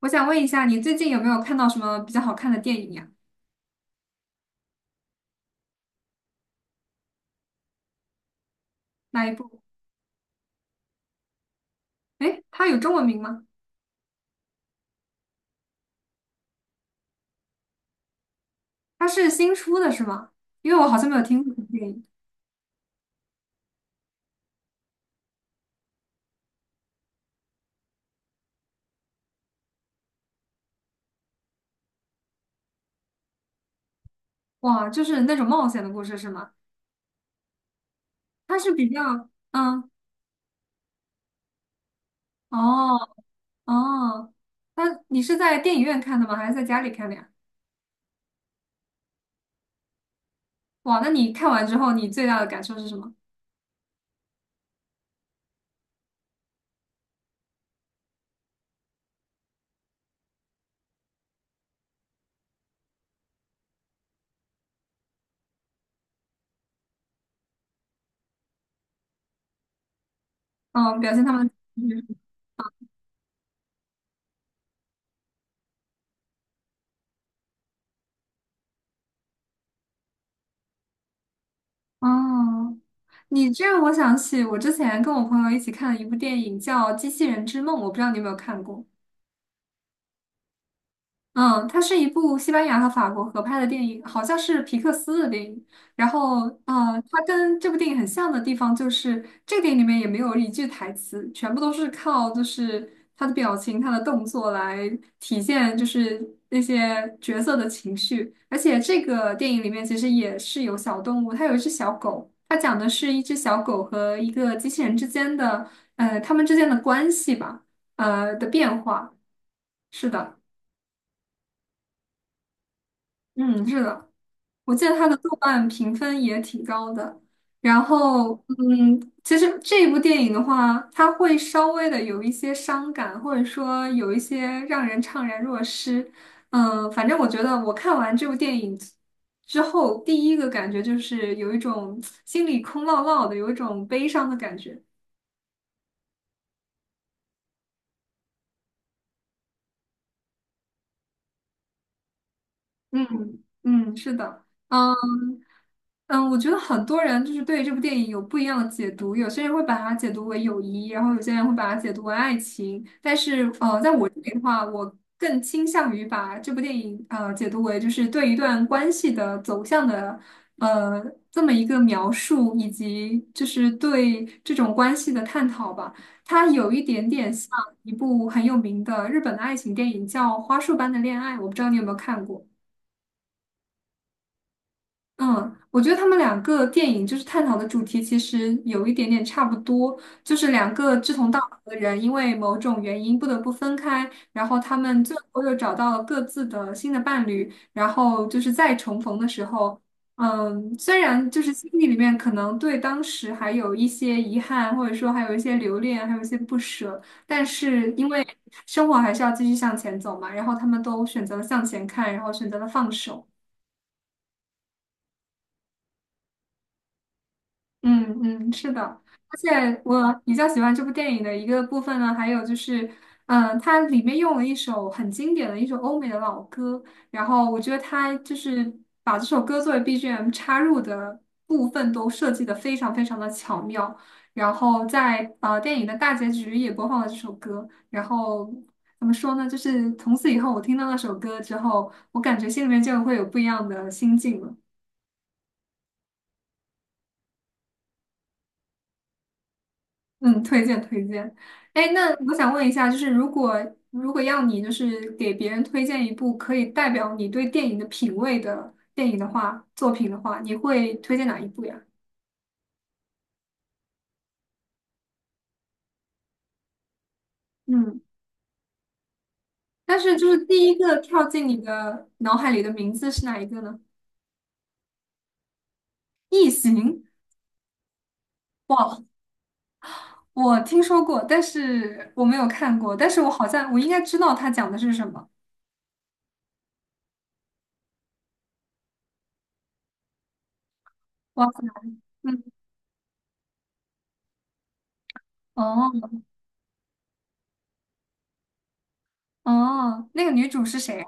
我想问一下，你最近有没有看到什么比较好看的电影呀？哪一部？诶，它有中文名吗？它是新出的是吗？因为我好像没有听过这部电影。哇，就是那种冒险的故事是吗？它是比较，嗯，哦哦，那你是在电影院看的吗？还是在家里看的呀？哇，那你看完之后，你最大的感受是什么？嗯，表现他们。哦，你这让我想起我之前跟我朋友一起看了一部电影叫《机器人之梦》，我不知道你有没有看过。嗯，它是一部西班牙和法国合拍的电影，好像是皮克斯的电影。然后，它跟这部电影很像的地方就是，这个电影里面也没有一句台词，全部都是靠就是他的表情、他的动作来体现，就是那些角色的情绪。而且这个电影里面其实也是有小动物，它有一只小狗，它讲的是一只小狗和一个机器人之间的，他们之间的关系吧，的变化。是的，嗯，是的。我记得它的豆瓣评分也挺高的。然后，嗯，其实这部电影的话，它会稍微的有一些伤感，或者说有一些让人怅然若失。嗯，反正我觉得我看完这部电影之后，第一个感觉就是有一种心里空落落的，有一种悲伤的感觉。嗯嗯，是的，嗯。嗯，我觉得很多人就是对这部电影有不一样的解读，有些人会把它解读为友谊，然后有些人会把它解读为爱情。但是，在我这里的话，我更倾向于把这部电影解读为就是对一段关系的走向的呃这么一个描述，以及就是对这种关系的探讨吧。它有一点点像一部很有名的日本的爱情电影，叫《花束般的恋爱》，我不知道你有没有看过。嗯，我觉得他们两个电影就是探讨的主题其实有一点点差不多，就是两个志同道合的人因为某种原因不得不分开，然后他们最后又找到了各自的新的伴侣，然后就是再重逢的时候，嗯，虽然就是心里里面可能对当时还有一些遗憾，或者说还有一些留恋，还有一些不舍，但是因为生活还是要继续向前走嘛，然后他们都选择了向前看，然后选择了放手。嗯嗯，是的，而且我比较喜欢这部电影的一个部分呢，还有就是，它里面用了一首很经典的一首欧美的老歌，然后我觉得它就是把这首歌作为 BGM 插入的部分都设计的非常非常的巧妙，然后在电影的大结局也播放了这首歌，然后怎么说呢，就是从此以后我听到那首歌之后，我感觉心里面就会有不一样的心境了。嗯，推荐推荐。哎，那我想问一下，就是如果要你就是给别人推荐一部可以代表你对电影的品味的电影的话，作品的话，你会推荐哪一部呀？嗯，但是就是第一个跳进你的脑海里的名字是哪一个呢？异形，哇，我听说过，但是我没有看过，但是我好像我应该知道它讲的是什么。哇塞，嗯，哦哦，那个女主是谁？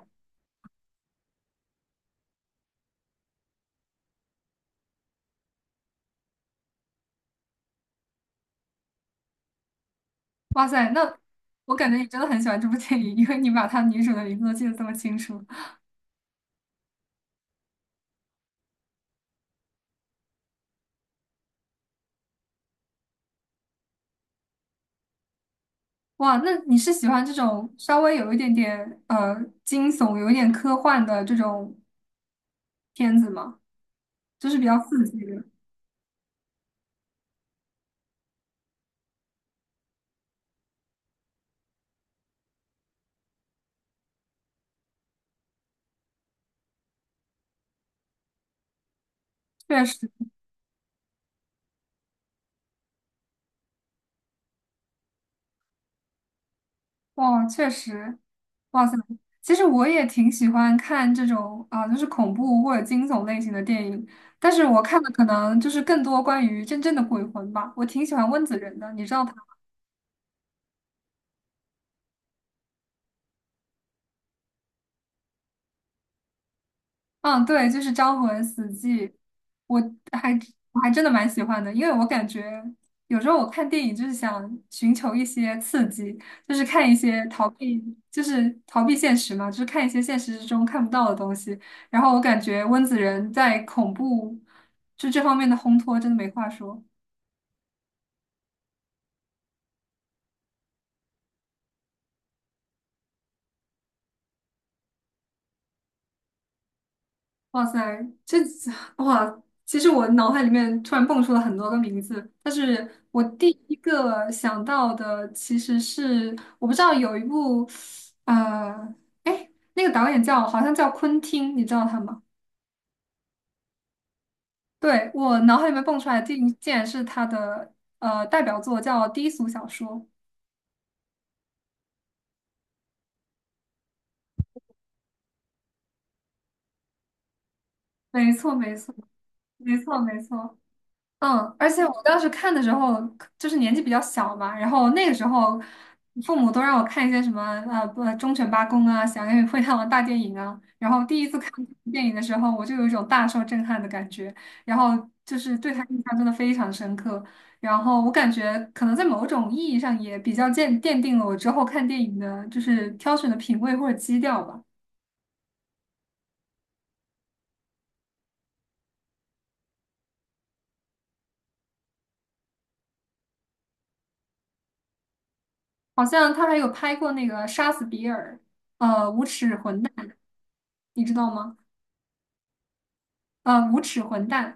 哇塞，那我感觉你真的很喜欢这部电影，因为你把它女主的名字都记得这么清楚。哇，那你是喜欢这种稍微有一点点惊悚、有一点科幻的这种片子吗？就是比较刺激的。确实，哇，确实，哇塞，其实我也挺喜欢看这种啊、就是恐怖或者惊悚类型的电影，但是我看的可能就是更多关于真正的鬼魂吧。我挺喜欢温子仁的，你知道他。嗯，对，就是《招魂死寂》，我还我还真的蛮喜欢的，因为我感觉有时候我看电影就是想寻求一些刺激，就是看一些逃避，就是逃避现实嘛，就是看一些现实之中看不到的东西。然后我感觉温子仁在恐怖就这方面的烘托真的没话说。哇塞，这哇，其实我脑海里面突然蹦出了很多个名字，但是我第一个想到的其实是我不知道有一部，呃，哎，那个导演叫好像叫昆汀，你知道他吗？对，我脑海里面蹦出来的竟然是他的代表作叫《低俗小说》，没错，没错，没错，没错。嗯，而且我当时看的时候，就是年纪比较小嘛，然后那个时候，父母都让我看一些什么不忠犬八公啊、响亮与灰太狼大电影啊，然后第一次看这部电影的时候，我就有一种大受震撼的感觉，然后就是对他印象真的非常深刻，然后我感觉可能在某种意义上也比较奠定了我之后看电影的就是挑选的品味或者基调吧。好像他还有拍过那个《杀死比尔》，《无耻混蛋》，你知道吗？《无耻混蛋》。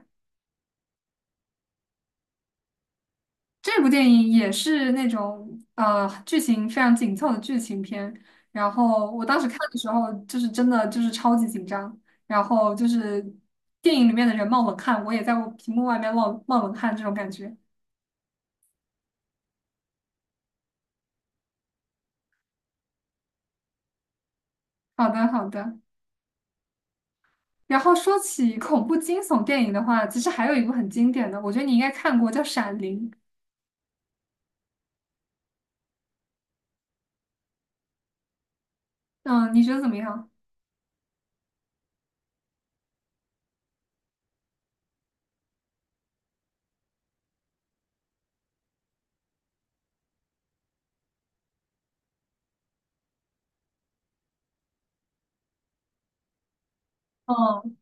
这部电影也是那种剧情非常紧凑的剧情片，然后我当时看的时候就是真的就是超级紧张，然后就是电影里面的人冒冷汗，我也在我屏幕外面冒冷汗这种感觉。好的，好的。然后说起恐怖惊悚电影的话，其实还有一部很经典的，我觉得你应该看过，叫《闪灵》。嗯，你觉得怎么样？嗯，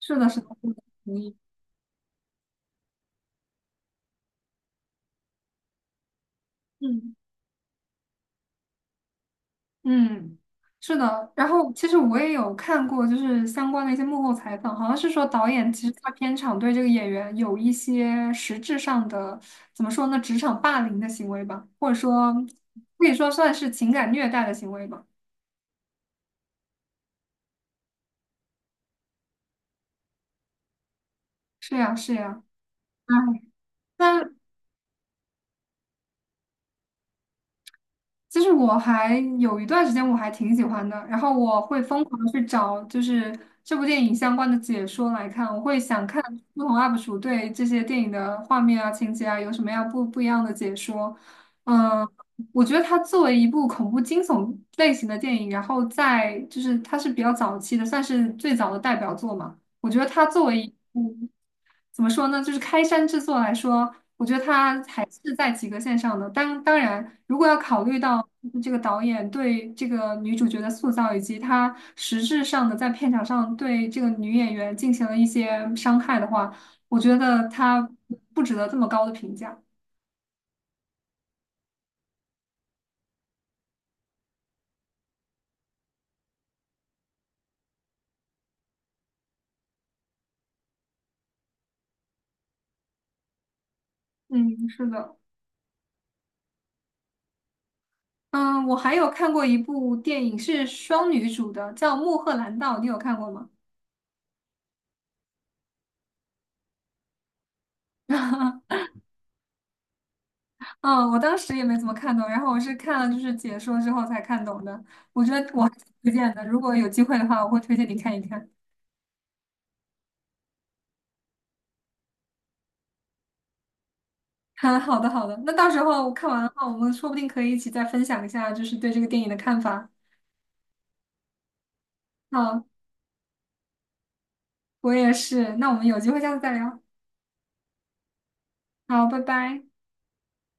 是的，是的，我同意。嗯。嗯，是的。然后其实我也有看过，就是相关的一些幕后采访，好像是说导演其实他片场对这个演员有一些实质上的，怎么说呢，职场霸凌的行为吧，或者说可以说算是情感虐待的行为吧。是呀，是呀。哎，但其实我还有一段时间我还挺喜欢的，然后我会疯狂地去找就是这部电影相关的解说来看，我会想看不同 UP 主对这些电影的画面啊、情节啊有什么样不一样的解说。嗯，我觉得它作为一部恐怖惊悚类型的电影，然后在就是它是比较早期的，算是最早的代表作嘛。我觉得它作为一部怎么说呢，就是开山之作来说，我觉得它还是在及格线上的。当然，如果要考虑到就是这个导演对这个女主角的塑造，以及他实质上的在片场上对这个女演员进行了一些伤害的话，我觉得它不值得这么高的评价。嗯，是的。嗯，我还有看过一部电影是双女主的，叫《穆赫兰道》，你有看过吗？嗯，我当时也没怎么看懂，然后我是看了就是解说之后才看懂的。我觉得我还挺推荐的，如果有机会的话，我会推荐你看一看。嗯，好的好的，那到时候看完的话，我们说不定可以一起再分享一下，就是对这个电影的看法。好，我也是，那我们有机会下次再聊。好，拜拜。